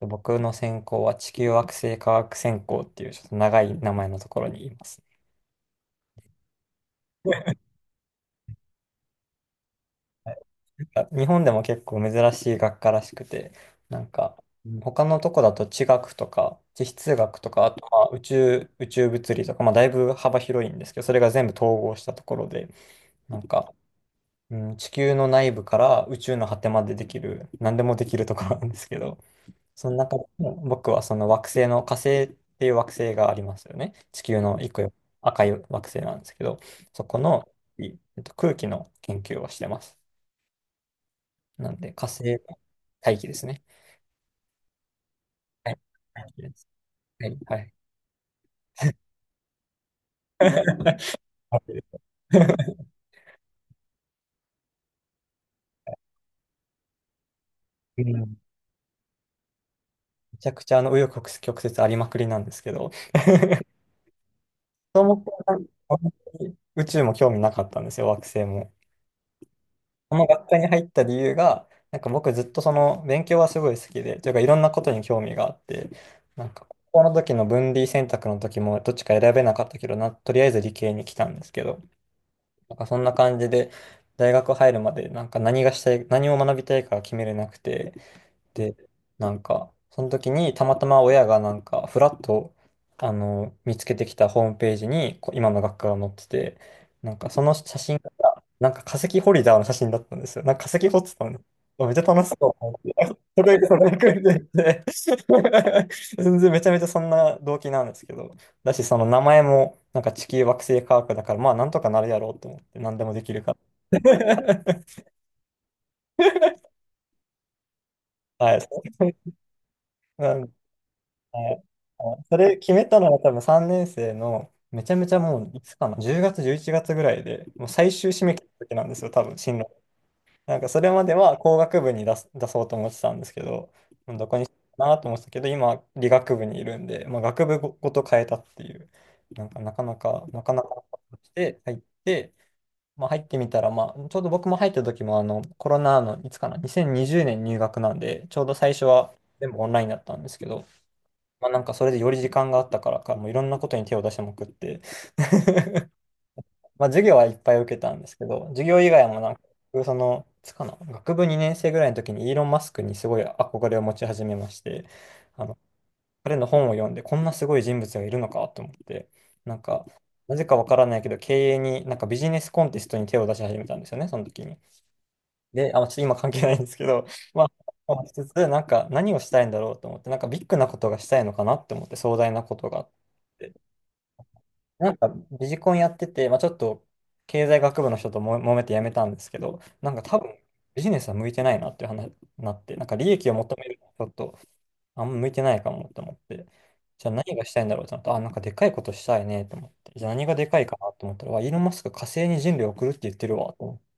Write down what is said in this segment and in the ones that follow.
僕の専攻は地球惑星科学専攻っていうちょっと長い名前のところにいますね。日本でも結構珍しい学科らしくて、うん他のとこだと地学とか地質学とか、あとまあ宇宙物理とか、まあ、だいぶ幅広いんですけど、それが全部統合したところで、なんか、うん、地球の内部から宇宙の果てまでできる、何でもできるところなんですけど、その中でも僕はその惑星の火星っていう惑星がありますよね。地球の一個よ赤い惑星なんですけど、そこの、いえっと、空気の研究をしてます。なんで火星の大気ですね。はい。大気です。はい。はい。大気です うんめちゃくちゃ紆余曲折ありまくりなんですけど、そも思もて宇宙も興味なかったんですよ、惑星も。この学科に入った理由が、僕ずっとその勉強はすごい好きで、というかいろんなことに興味があって、高校の時の分類選択の時もどっちか選べなかったけどな、とりあえず理系に来たんですけど、そんな感じで大学入るまで何がしたい、何を学びたいか決めれなくて、で、その時にたまたま親がふらっと、見つけてきたホームページに、今の学科が載ってて、その写真が、化石ホルダーの写真だったんですよ。化石掘ってたのね。あめっちゃ楽しそうと思って。それくらいで 全然めちゃめちゃそんな動機なんですけど。だし、その名前も、地球惑星科学だから、まあなんとかなるやろうと思って、何でもできるから。はい。はい。それ決めたのは多分3年生のめちゃめちゃもういつかな10月11月ぐらいでもう最終締め切りの時なんですよ、多分進路。それまでは工学部に出そうと思ってたんですけど、もうどこにしようかなと思ってたけど今理学部にいるんで、まあ、学部ごと変えたっていう。なかなかなかなかして入って、まあ、入ってみたら、まあ、ちょうど僕も入った時もコロナのいつかな2020年入学なんでちょうど最初は全部オンラインだったんですけど、まあそれでより時間があったからか、もういろんなことに手を出しまくって、まあ授業はいっぱい受けたんですけど、授業以外も僕その、いつかな、学部2年生ぐらいの時にイーロン・マスクにすごい憧れを持ち始めまして、あの、彼の本を読んで、こんなすごい人物がいるのかと思って、なんか、なぜかわからないけど、経営に、ビジネスコンテストに手を出し始めたんですよね、その時に。で、あ、ちょっと今関係ないんですけど、まあ、しつつ、何をしたいんだろうと思って、ビッグなことがしたいのかなって思って、壮大なことがあって。なんかビジコンやってて、まあちょっと経済学部の人とも揉めてやめたんですけど、多分ビジネスは向いてないなっていう話になって、利益を求めるのはちょっとあんま向いてないかもと思って、じゃあ何がしたいんだろうと思って、あ、でかいことしたいねと思って、じゃあ何がでかいかなと思ったら、わイーロン・マスク火星に人類を送るって言ってるわと思って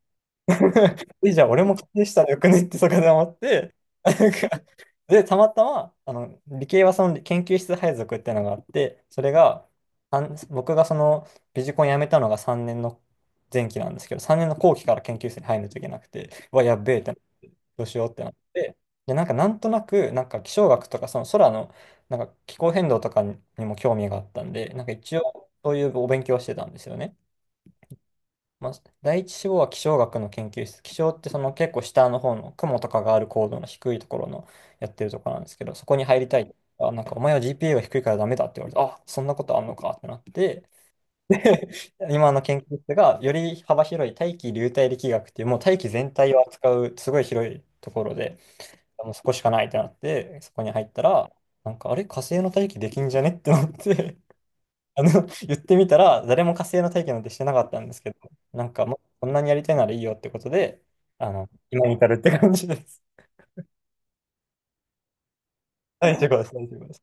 え、じゃあ俺も仮定したらよくねってそこで思って、なんかで、たまたま、理系はその研究室配属ってのがあって、それが、僕がそのビジコン辞めたのが3年の前期なんですけど、3年の後期から研究室に入らないといけなくて、うわ、やっべえってな、どうしようってなって、で、なんとなく、気象学とか、その空の、気候変動とかにも興味があったんで、一応、そういうお勉強をしてたんですよね。まあ、第一志望は気象学の研究室。気象ってその結構下の方の雲とかがある高度の低いところのやってるところなんですけど、そこに入りたい。あ、お前は GPA が低いからダメだって言われて、あ、そんなことあんのかってなって、今の研究室がより幅広い大気流体力学っていうもう大気全体を扱うすごい広いところで、もうそこしかないってなって、そこに入ったら、あれ火星の大気できんじゃねってなって、言ってみたら、誰も火星の体験なんてしてなかったんですけど、もう、こんなにやりたいならいいよってことで、今に至るって感じです。大丈夫です、大丈夫です。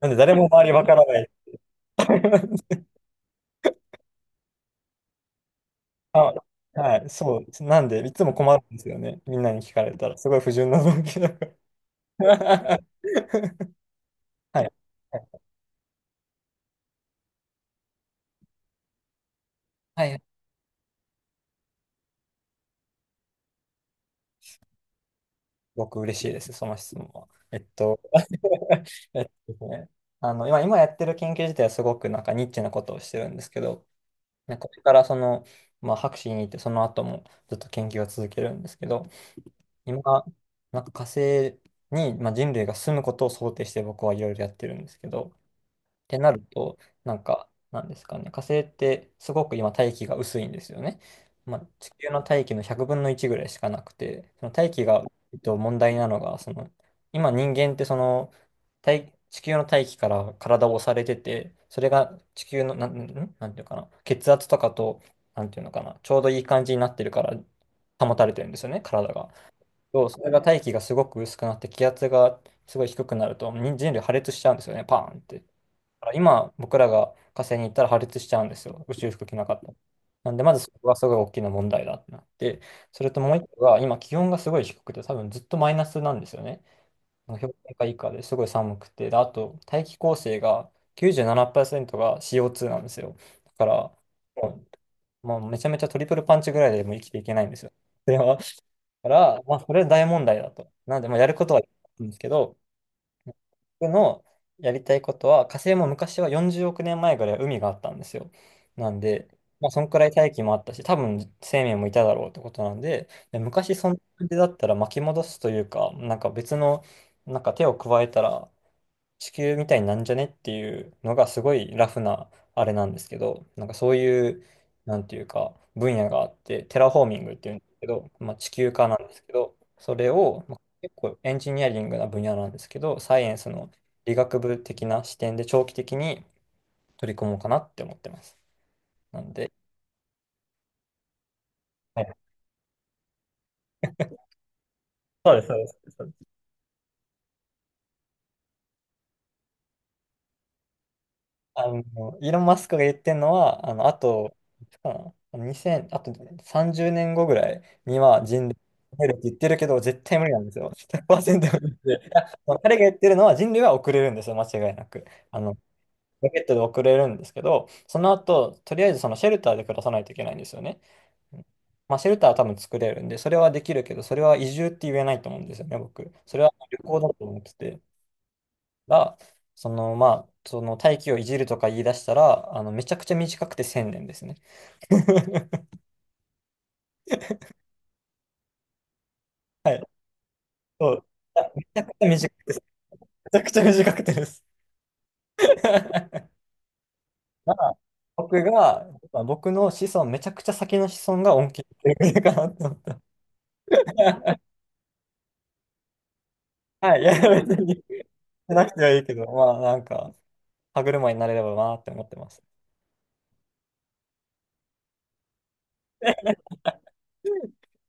なんで、誰も周りわからない。あ、はい、そう。なんで、いつも困るんですよね。みんなに聞かれたら、すごい不純な動機だから。はい。はい。僕嬉しいです、その質問は。えっとですね、今やってる研究自体はすごくニッチなことをしてるんですけど、ね、これからその、まあ、博士に行ってその後もずっと研究を続けるんですけど、今、火星に、まあ、人類が住むことを想定して僕はいろいろやってるんですけど、ってなると、なんですかね、火星ってすごく今大気が薄いんですよね。まあ、地球の大気の100分の1ぐらいしかなくて、その大気が、問題なのが、その、今人間ってその、地球の大気から体を押されてて、それが地球の、なんていうかな、血圧とかと、なんていうのかな、ちょうどいい感じになってるから、保たれてるんですよね、体が。そう、それが大気がすごく薄くなって、気圧がすごい低くなると、人類破裂しちゃうんですよね、パーンって。今、僕らが火星に行ったら破裂しちゃうんですよ。宇宙服着なかったら。なんで、まずそこがすごい大きな問題だってなって、それともう一個が、今気温がすごい低くて、多分ずっとマイナスなんですよね。氷点下以下ですごい寒くて、で、あと大気構成が97%が CO2 なんですよ。だから、ももうめちゃめちゃトリプルパンチぐらいでもう生きていけないんですよ。だから、まあ、それは大問題だと。なんで、まあ、やることはやるんですけど、僕のやりたいことは、火星も昔は40億年前ぐらいは海があったんですよ。なんで、まあ、そんくらい大気もあったし、多分生命もいただろうってことなんで、で昔そんな感じだったら巻き戻すというか、なんか別の、なんか手を加えたら、地球みたいになんじゃねっていうのがすごいラフなあれなんですけど、なんかそういう、なんていうか、分野があって、テラフォーミングっていうんですけど、まあ、地球化なんですけど、それを、まあ、結構エンジニアリングな分野なんですけど、サイエンスの理学部的な視点で長期的に取り組もうかなって思ってます。なんで、はいそうです、そうです。あの、イーロン・マスクが言ってるのは、あの、あと、いつかな、あの2000、あと30年後ぐらいには人類が増えるって言ってるけど、絶対無理なんですよ。100%無理で。いやその彼が言ってるのは人類は遅れるんですよ、間違いなく。あの、ロケットで遅れるんですけど、その後、とりあえずそのシェルターで暮らさないといけないんですよね。まあ、シェルターは多分作れるんで、それはできるけど、それは移住って言えないと思うんですよね、僕。それは旅行だと思ってて。らその、まあ、その大気をいじるとか言い出したら、あの、めちゃくちゃ短くて1000年ですね。はい。そう。いやめちゃくちゃ短くてです。めちゃくちゃ短くてです。まあ、僕が、まあ僕の子孫、めちゃくちゃ先の子孫が恩恵を受けてくれるかなと思って。はい。いや、別に、しなくてはいいけど、まあ、なんか、歯車になれればなって思ってます。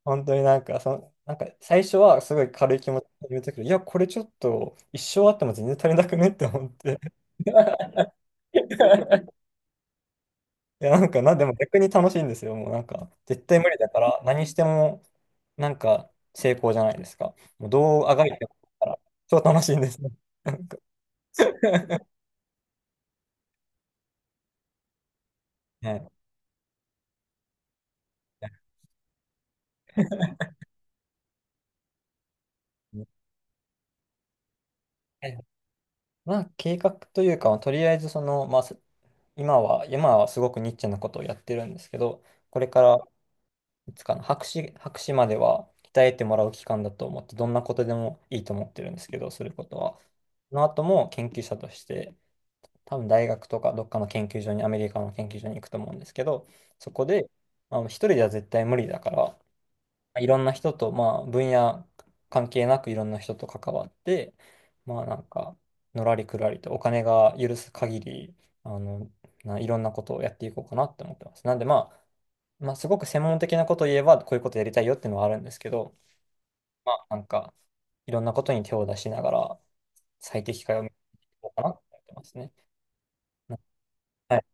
本当になんか、その、なんか最初はすごい軽い気持ちで言うときいや、これちょっと一生あっても全然足りなくねって思って。いや、なんかな、でも逆に楽しいんですよ。もうなんか、絶対無理だから、何しても、なんか、成功じゃないですか。もうどうあがいても、超楽しいんですね。なんか ねえ、まあ、計画というか、とりあえず、その、まあ、す今は、今はすごくニッチなことをやってるんですけど、これから、いつかな、博士までは鍛えてもらう期間だと思って、どんなことでもいいと思ってるんですけど、することは。その後も研究者として、多分大学とかどっかの研究所に、アメリカの研究所に行くと思うんですけど、そこで、まあの、一人では絶対無理だから、いろんな人と、まあ、分野関係なくいろんな人と関わって、まあ、なんか、のらりくらりとお金が許す限り、あの、いろんなことをやっていこうかなって思ってます。なんで、まあ、まあ、すごく専門的なことを言えば、こういうことやりたいよっていうのはあるんですけど、まあ、なんか、いろんなことに手を出しながら、最適解を見ていこうかなって思ってますね。はい。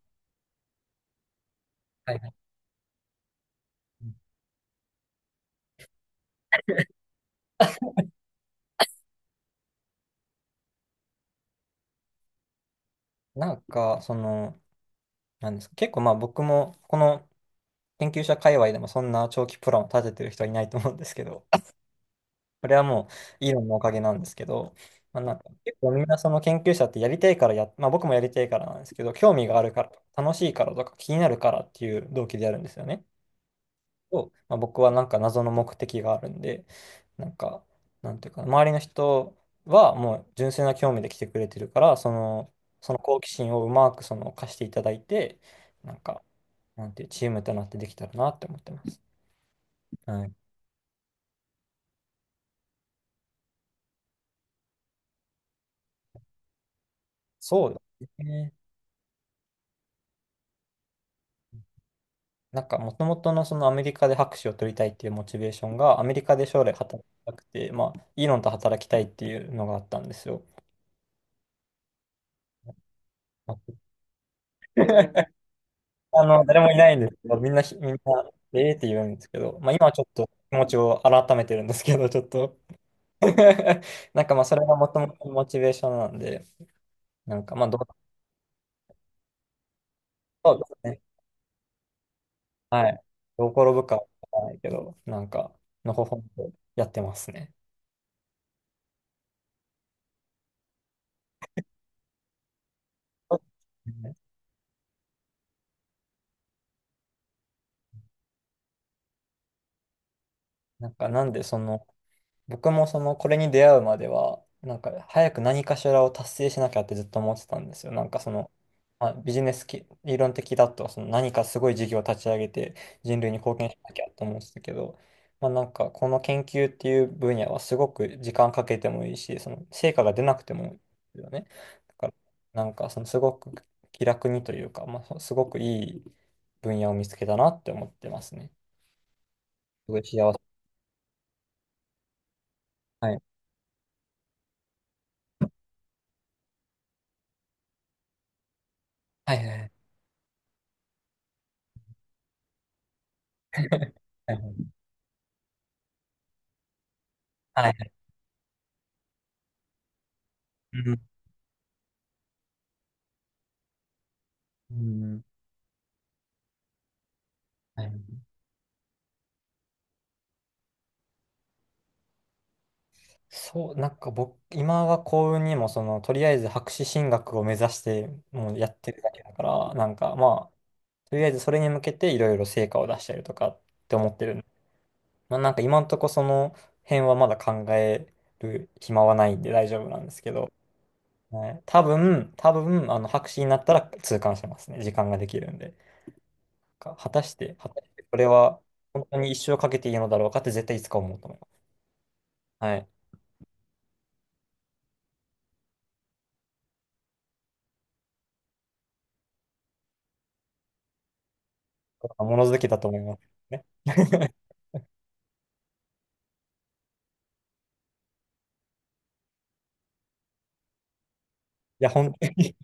はいはい。なんか、その、なんですか、結構まあ僕も、この研究者界隈でもそんな長期プランを立ててる人はいないと思うんですけど、これはもうイーロンのおかげなんですけど、まあ、なんか結構みんなその研究者ってやりたいからや、まあ僕もやりたいからなんですけど、興味があるから、楽しいからとか気になるからっていう動機でやるんですよね。とまあ、僕はなんか謎の目的があるんで、なんか、なんていうか、周りの人はもう純粋な興味で来てくれてるから、その、その好奇心をうまくその貸していただいて、なんか、なんていうチームとなってできたらなって思ってます。はい。そうですね。なんか、もともとのそのアメリカで博士を取りたいっていうモチベーションが、アメリカで将来働きたくて、まあ、イーロンと働きたいっていうのがあったんですよ。あの、誰もいないんですけど、みんな、ええって言うんですけど、まあ今はちょっと気持ちを改めてるんですけど、ちょっと なんかまあそれがもともとモチベーションなんで、なんかまあどう、そうですね。はい。どう転ぶかわからないけど、なんか、のほほんとやってますね。そうですね。なんかなんでその、僕もそのこれに出会うまでは、なんか早く何かしらを達成しなきゃってずっと思ってたんですよ。なんかその、まあ、ビジネスき理論的だとその何かすごい事業を立ち上げて人類に貢献しなきゃと思ってたけど、まあ、なんかこの研究っていう分野はすごく時間かけてもいいし、その成果が出なくてもいいですよね。だからなんかそのすごく気楽にというか、まあ、すごくいい分野を見つけたなって思ってますね。すごい幸せ。はい。はいはいはい。はいはい。はいはい。うん。はい、そう、なんか僕、今は幸運にも、その、とりあえず博士進学を目指して、もうやってるだけだから、なんかまあ、とりあえずそれに向けていろいろ成果を出したりとかって思ってる。まあ、なんか今んとこその辺はまだ考える暇はないんで大丈夫なんですけど、はい、多分、あの、博士になったら痛感してますね。時間ができるんで。か果たして、果たしてこれは本当に一生かけていいのだろうかって絶対いつか思うと思います。はい。物好きだと思いますね。いや、本当に、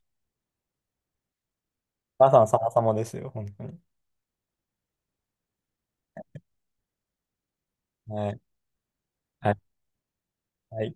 まさに様々ですよ、本当に。はい。はい。はい